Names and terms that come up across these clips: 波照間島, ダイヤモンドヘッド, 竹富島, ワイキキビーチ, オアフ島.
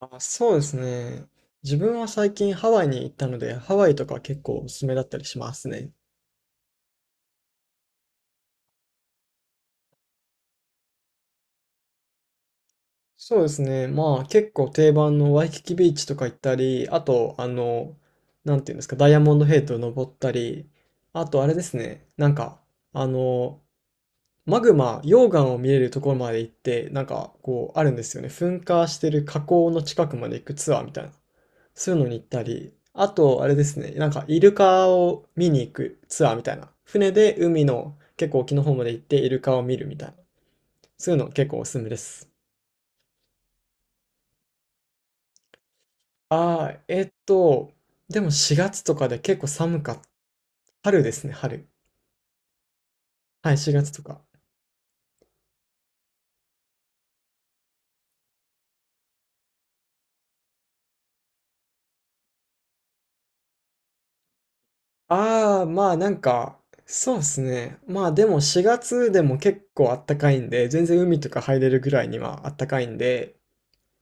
あ、そうですね。自分は最近ハワイに行ったので、ハワイとか結構おすすめだったりしますね。そうですね。まあ結構定番のワイキキビーチとか行ったり、あと、なんていうんですか、ダイヤモンドヘイトを登ったり、あとあれですね、なんか、あの、マグマ、溶岩を見れるところまで行って、なんかこうあるんですよね。噴火してる火口の近くまで行くツアーみたいな。そういうのに行ったり、あと、あれですね、なんかイルカを見に行くツアーみたいな。船で海の結構沖の方まで行ってイルカを見るみたいな。そういうの結構おすすめです。ああ、でも4月とかで結構寒かった。春ですね、春。はい、4月とか。ああ、まあなんか、そうですね。まあでも4月でも結構あったかいんで、全然海とか入れるぐらいにはあったかいんで、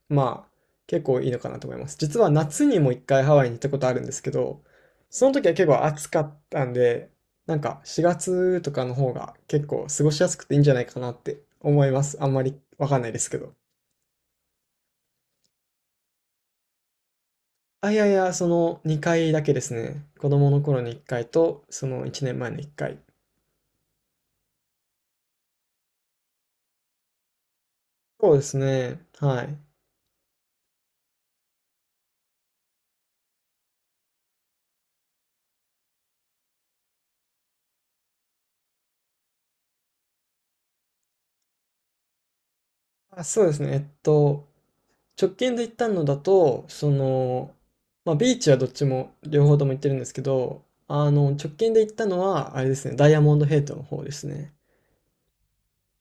まあ、結構いいのかなと思います。実は夏にも一回ハワイに行ったことあるんですけど、その時は結構暑かったんで、なんか4月とかの方が結構過ごしやすくていいんじゃないかなって思います。あんまりわかんないですけど。あ、いやいや、その2回だけですね。子供の頃に1回と、その1年前の1回。そうですね。はい。あ、そうですね。直近で行ったのだと、その、まあ、ビーチはどっちも、両方とも行ってるんですけど、直近で行ったのは、あれですね、ダイヤモンドヘイトの方ですね。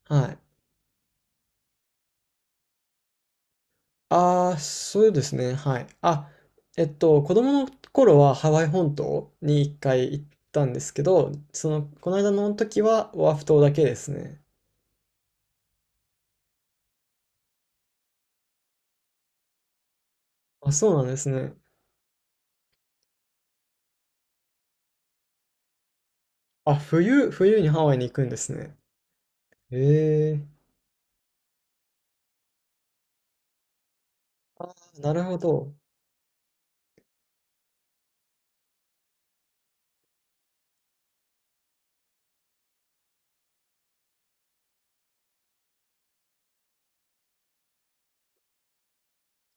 はい。ああ、そうですね、はい。あ、子供の頃はハワイ本島に一回行ったんですけど、その、この間の時はオアフ島だけですね。あ、そうなんですね。あ、冬にハワイに行くんですね。ええ、なるほど。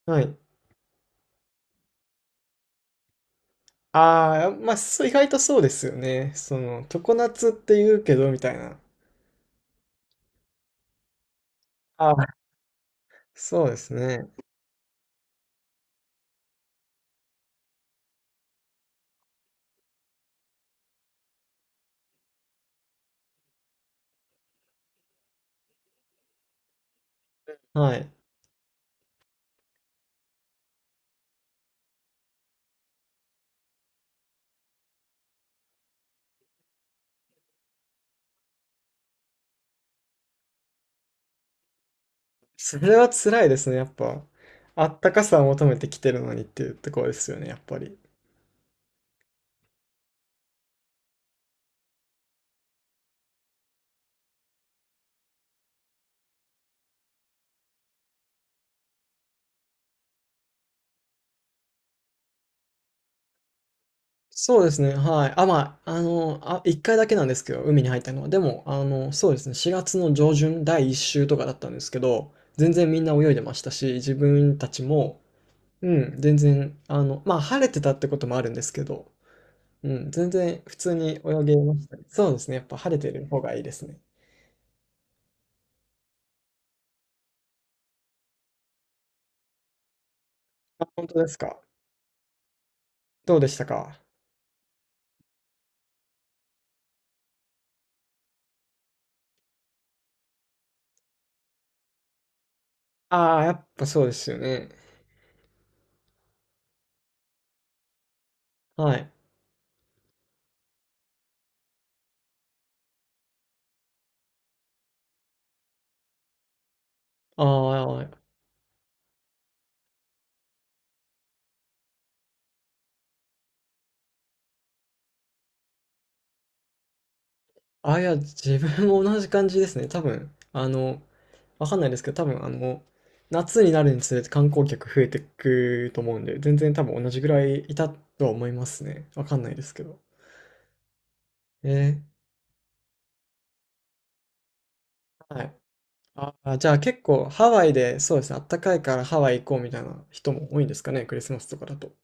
はい。ああ、まあ、そう、意外とそうですよね。その、常夏って言うけど、みたいな。ああ、そうですね。はい。それは辛いですね、やっぱ。あったかさを求めてきてるのにっていうところですよね、やっぱり。そうですね、はい。あ、まあ、あ、一回だけなんですけど、海に入ったのは。でも、そうですね、4月の上旬、第一週とかだったんですけど、全然みんな泳いでましたし、自分たちも、うん、全然、まあ、晴れてたってこともあるんですけど、うん、全然普通に泳げましたね。そうですね、やっぱ晴れてる方がいいですね。あ、本当ですか？どうでしたか？ああ、やっぱそうですよね。はい。ああ、あ、いや、自分も同じ感じですね。多分、わかんないですけど、多分、夏になるにつれて観光客増えてくと思うんで、全然多分同じぐらいいたとは思いますね。わかんないですけど。えはい。ああ、じゃあ結構ハワイで、そうですね、あったかいからハワイ行こうみたいな人も多いんですかね、クリスマスとかだと。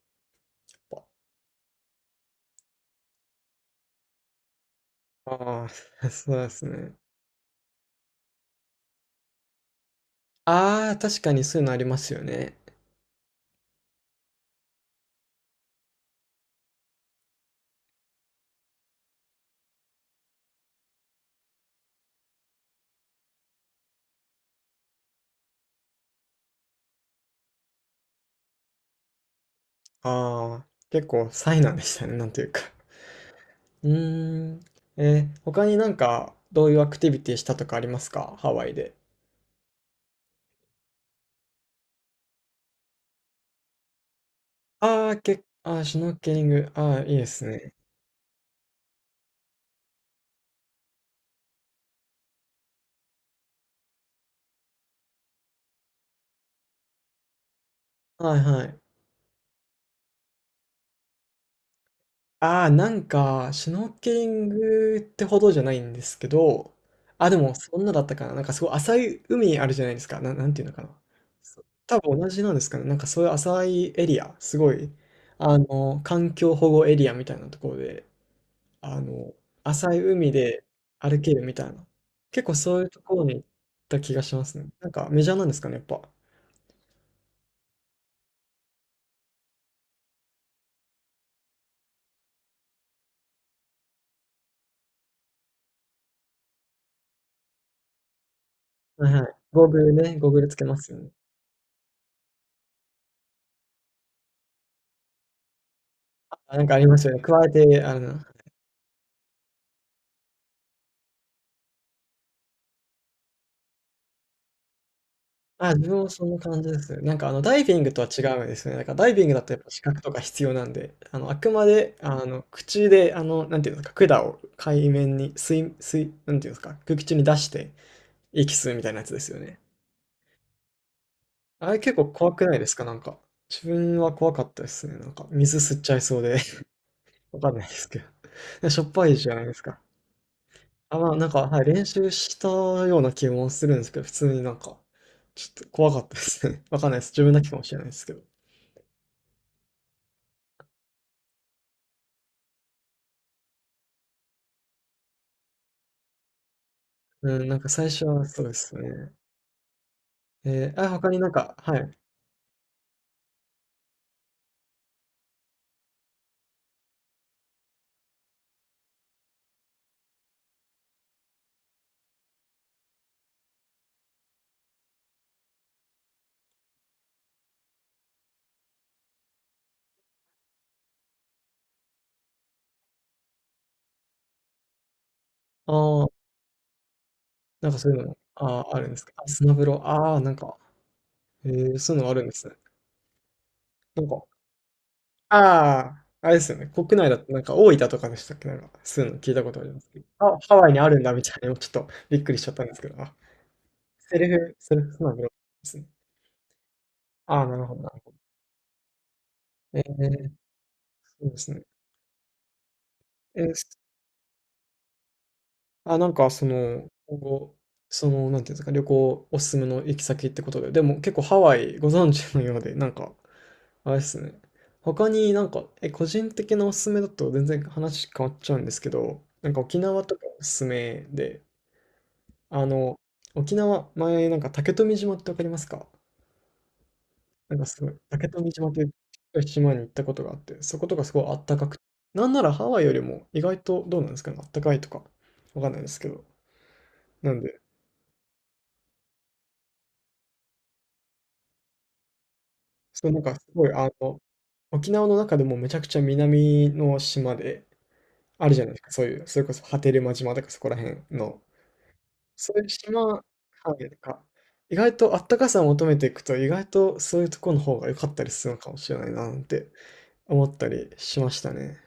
ああ、そうですね。ああ、確かにそういうのありますよね。ああ、結構災難でしたね、なんというか。うーん。他になんか、どういうアクティビティしたとかありますかハワイで？ああ、ああ、シュノーケリング。ああ、いいですね。はいはい。ああ、なんか、シュノーケリングってほどじゃないんですけど、あ、でも、そんなだったかな。なんかすごい浅い海あるじゃないですか。なんていうのかな。多分同じなんですかね。なんかそういう浅いエリア、すごい、環境保護エリアみたいなところで、あの、浅い海で歩けるみたいな。結構そういうところに行った気がしますね。なんかメジャーなんですかね、やっぱ。はいはい。ゴーグルね、ゴーグルつけますよね。あなんかありますよね。加えて、あ、自分もそんな感じです。なんかあのダイビングとは違うんですね。なんかダイビングだとやっぱ資格とか必要なんで、あくまで口でなんていうんですか、管を海面に水、なんていうんですか、空気中に出して息吸うみたいなやつですよね。あれ結構怖くないですかなんか？自分は怖かったですね。なんか水吸っちゃいそうで わかんないですけど。しょっぱいじゃないですか。あ、まあなんか、はい、練習したような気もするんですけど、普通になんか、ちょっと怖かったですね。わかんないです。自分だけかもしれないですけど。うん、なんか最初はそうですね。あ、他になんか、はい。ああ、なんかそういうの、ああ、あるんですか？あスマブラ、ああ、なんか、そういうのあるんですね。なんか、ああ、あれですよね。国内だと、なんか大分とかでしたっけなんか、そういうの聞いたことありますけど。あ、ハワイにあるんだみたいな、ちょっとびっくりしちゃったんですけど。あ、セルフスマブラですね。ああ、なるほど、なるほど。えー、そうですね。えーあ、なんかその、今後、その、なんていうんですか、旅行おすすめの行き先ってことで、でも結構ハワイご存知のようで、なんか、あれですね。他になんか、個人的なおすすめだと全然話変わっちゃうんですけど、なんか沖縄とかおすすめで、あの、沖縄、前なんか竹富島ってわかりますか？なんかすごい、竹富島という島に行ったことがあって、そことかすごいあったかくて、なんならハワイよりも意外とどうなんですかね、あったかいとか、わかんないですけど。なんで、そう、なんかすごい、沖縄の中でもめちゃくちゃ南の島で、あるじゃないですか、そういう、それこそ波照間島とかそこら辺の、そういう島、はい、なんか、意外とあったかさを求めていくと、意外とそういうところの方が良かったりするのかもしれないな、なんて思ったりしましたね。